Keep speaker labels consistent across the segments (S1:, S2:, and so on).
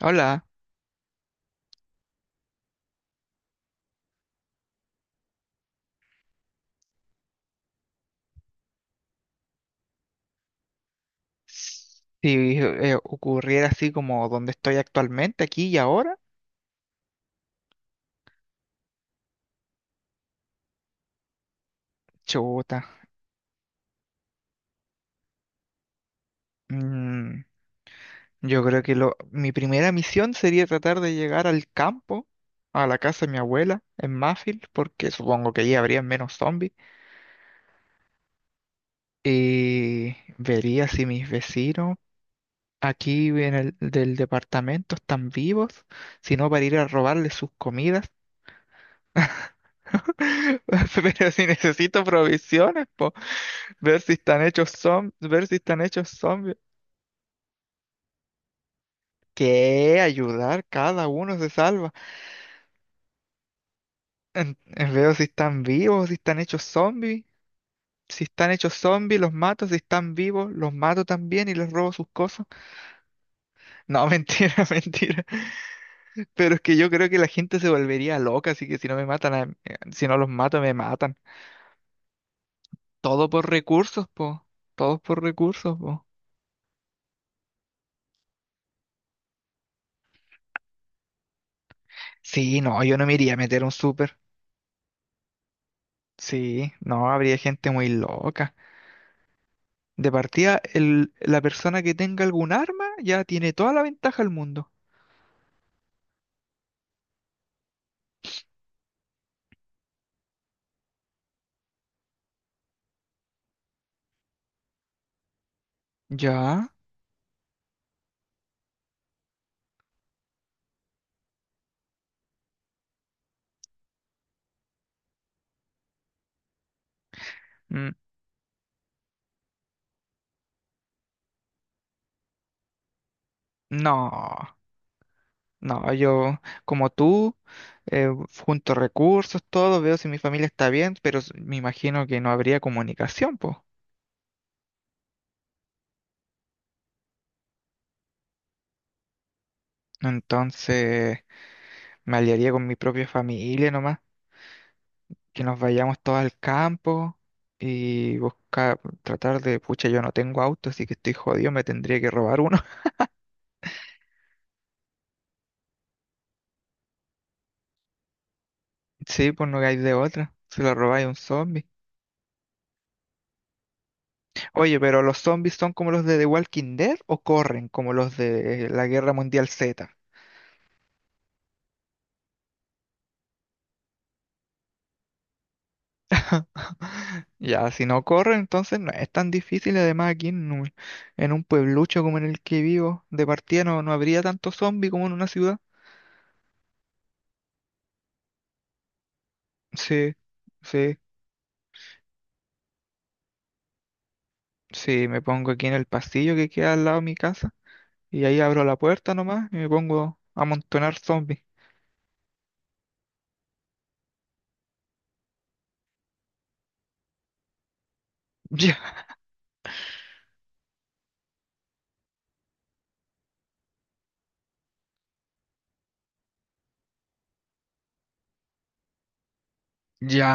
S1: Hola. Si ocurriera así como donde estoy actualmente, aquí y ahora, chuta. Mm, yo creo que lo, mi primera misión sería tratar de llegar al campo, a la casa de mi abuela, en Mafil, porque supongo que allí habría menos zombies. Y vería si mis vecinos aquí en el del departamento están vivos, si no para ir a robarles sus comidas. Pero si necesito provisiones, ver si están hechos zombies, ver si están hechos zombies. ¿Qué? Ayudar, cada uno se salva. Veo si están vivos, si están hechos zombies. Si están hechos zombies, los mato. Si están vivos, los mato también y les robo sus cosas. No, mentira, mentira. Pero es que yo creo que la gente se volvería loca, así que si no me matan, si no los mato, me matan. Todo por recursos, po. Todos por recursos, po. Sí, no, yo no me iría a meter a un súper. Sí, no, habría gente muy loca. De partida, la persona que tenga algún arma ya tiene toda la ventaja del mundo. Ya. Mm. No, no, Yo como tú, eh, junto recursos, todo, veo si mi familia está bien, pero me imagino que no habría comunicación, pues. Entonces, me aliaría con mi propia familia nomás, que nos vayamos todos al campo y buscar, tratar de, pucha, yo no tengo auto, así que estoy jodido, me tendría que robar uno. Sí, pues no hay de otra, se lo robáis a un zombie. Oye, pero ¿los zombies son como los de The Walking Dead o corren como los de la Guerra Mundial Z? Ya, si no corren, entonces no es tan difícil. Además, en un pueblucho como en el que vivo, de partida no, no habría tanto zombie como en una ciudad. Sí, sí, sí, me pongo aquí en el pasillo que queda al lado de mi casa y ahí abro la puerta nomás y me pongo a amontonar zombies. Ya, ya,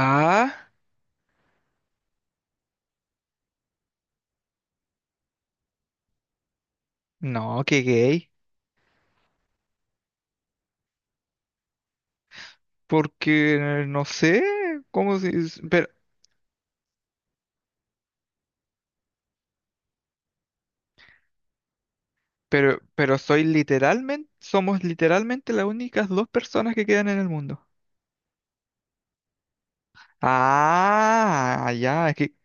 S1: no, qué gay, porque no sé, cómo se... pero soy literalmente, somos literalmente las únicas dos personas que quedan en el mundo. Ah, ya,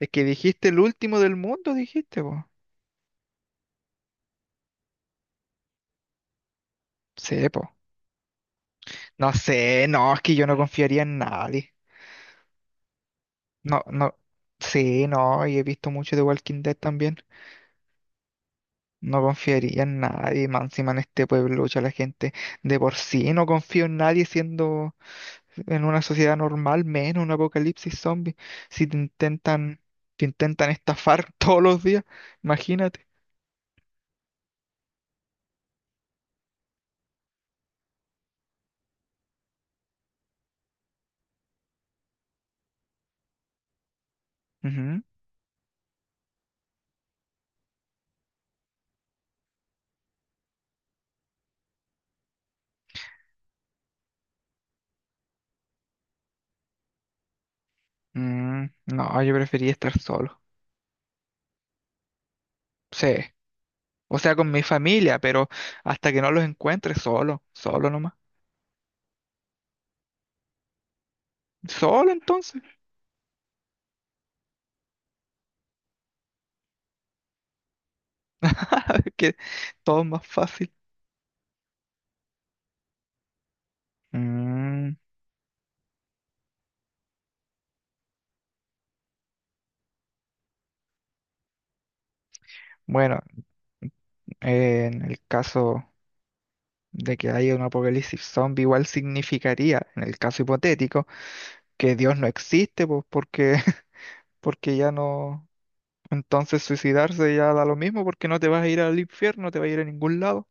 S1: es que dijiste el último del mundo, dijiste, po. Sí, po. No sé, no, es que yo no confiaría en nadie. No, no, sí, no, y he visto mucho de Walking Dead también. No confiaría en nadie, más encima en este pueblo, ya la gente de por sí no confío en nadie siendo. En una sociedad normal, menos un apocalipsis zombie. Si te intentan, te intentan estafar todos los días, imagínate. Ujú. Mm, no, yo prefería estar solo. Sí. O sea, con mi familia, pero hasta que no los encuentre, solo, solo nomás. Solo entonces, nada, es que todo es más fácil. Mm, bueno, en el caso de que haya un apocalipsis zombie, igual significaría, en el caso hipotético, que Dios no existe, pues porque porque ya no, entonces suicidarse ya da lo mismo porque no te vas a ir al infierno, no te vas a ir a ningún lado.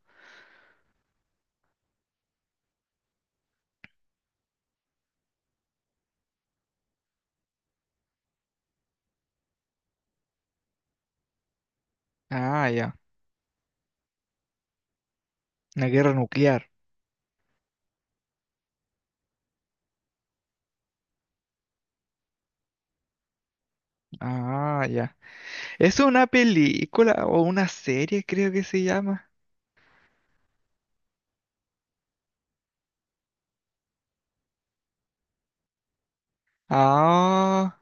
S1: Ah, ya, una guerra nuclear. Ah, ya. Es una película o una serie, creo que se llama. Ah,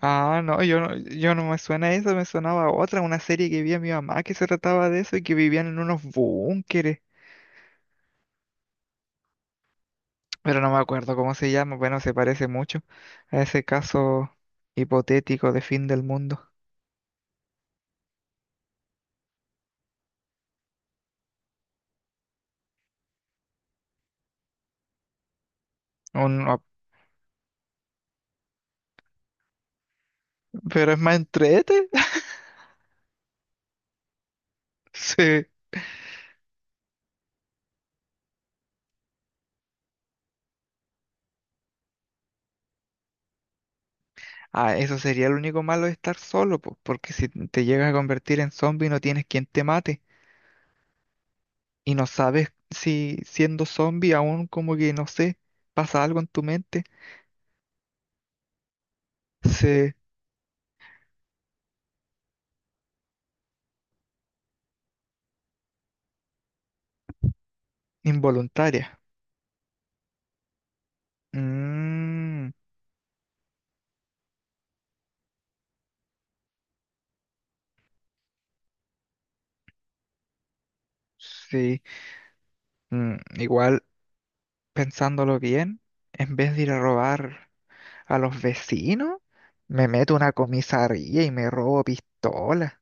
S1: ah, no, yo no me suena eso, me sonaba otra, una serie que vi a mi mamá que se trataba de eso y que vivían en unos búnkeres. Pero no me acuerdo cómo se llama, bueno, se parece mucho a ese caso hipotético de fin del mundo. No, pero es más entrete. Sí. Ah, eso sería lo único malo de estar solo, po, porque si te llegas a convertir en zombie no tienes quien te mate y no sabes si siendo zombie aún como que no sé, pasa algo en tu mente, se involuntaria. Mm, sí. Mm, igual pensándolo bien, en vez de ir a robar a los vecinos, me meto a una comisaría y me robo pistolas.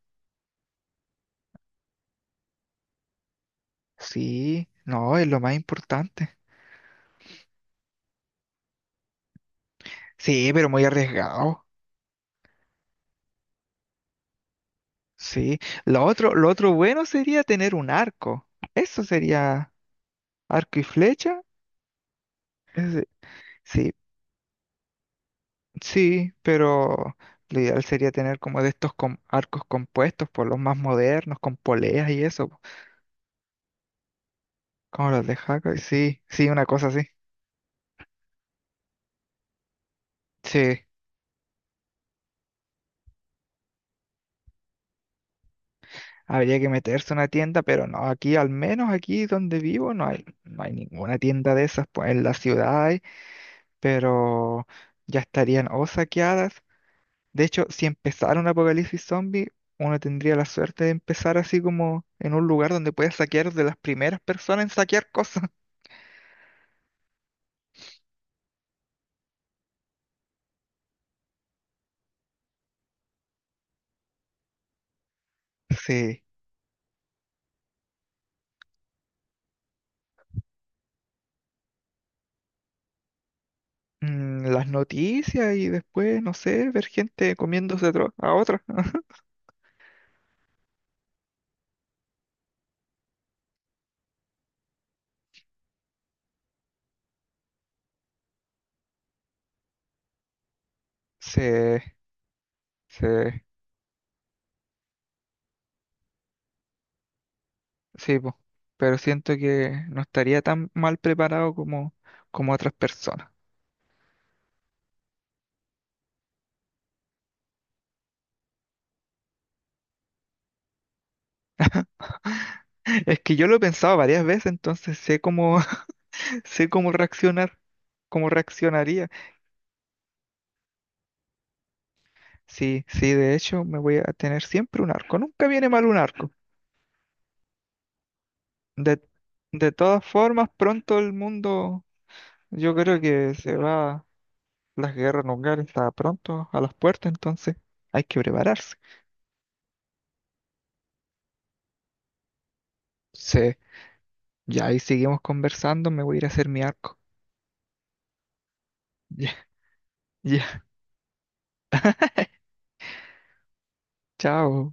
S1: Sí, no, es lo más importante. Sí, pero muy arriesgado. Sí, lo otro bueno sería tener un arco. Eso sería arco y flecha. Es sí, sí, pero lo ideal sería tener como de estos arcos compuestos por los más modernos, con poleas y eso, po, como los de Hawkeye. Sí, sí, una cosa así. Sí, habría que meterse a una tienda, pero no, aquí, al menos aquí donde vivo, no hay, no hay ninguna tienda de esas. Pues en la ciudad hay, pero ya estarían o saqueadas. De hecho, si empezara un apocalipsis zombie, uno tendría la suerte de empezar así como en un lugar donde puedes saquear de las primeras personas en saquear cosas. Sí. Mm, las noticias y después, no sé, ver gente comiéndose a otra. Sí, sí, sí, po. Pero siento que no estaría tan mal preparado como, como otras personas. Es que yo lo he pensado varias veces, entonces sé cómo, sé cómo reaccionar, cómo reaccionaría. Sí, sí, de hecho me voy a tener siempre un arco. Nunca viene mal un arco. De, de todas formas, pronto el mundo, yo creo que se va, las guerras nucleares está pronto a las puertas, entonces hay que prepararse. Sí, ya ahí seguimos conversando, me voy a ir a hacer mi arco. Ya, ya, chao.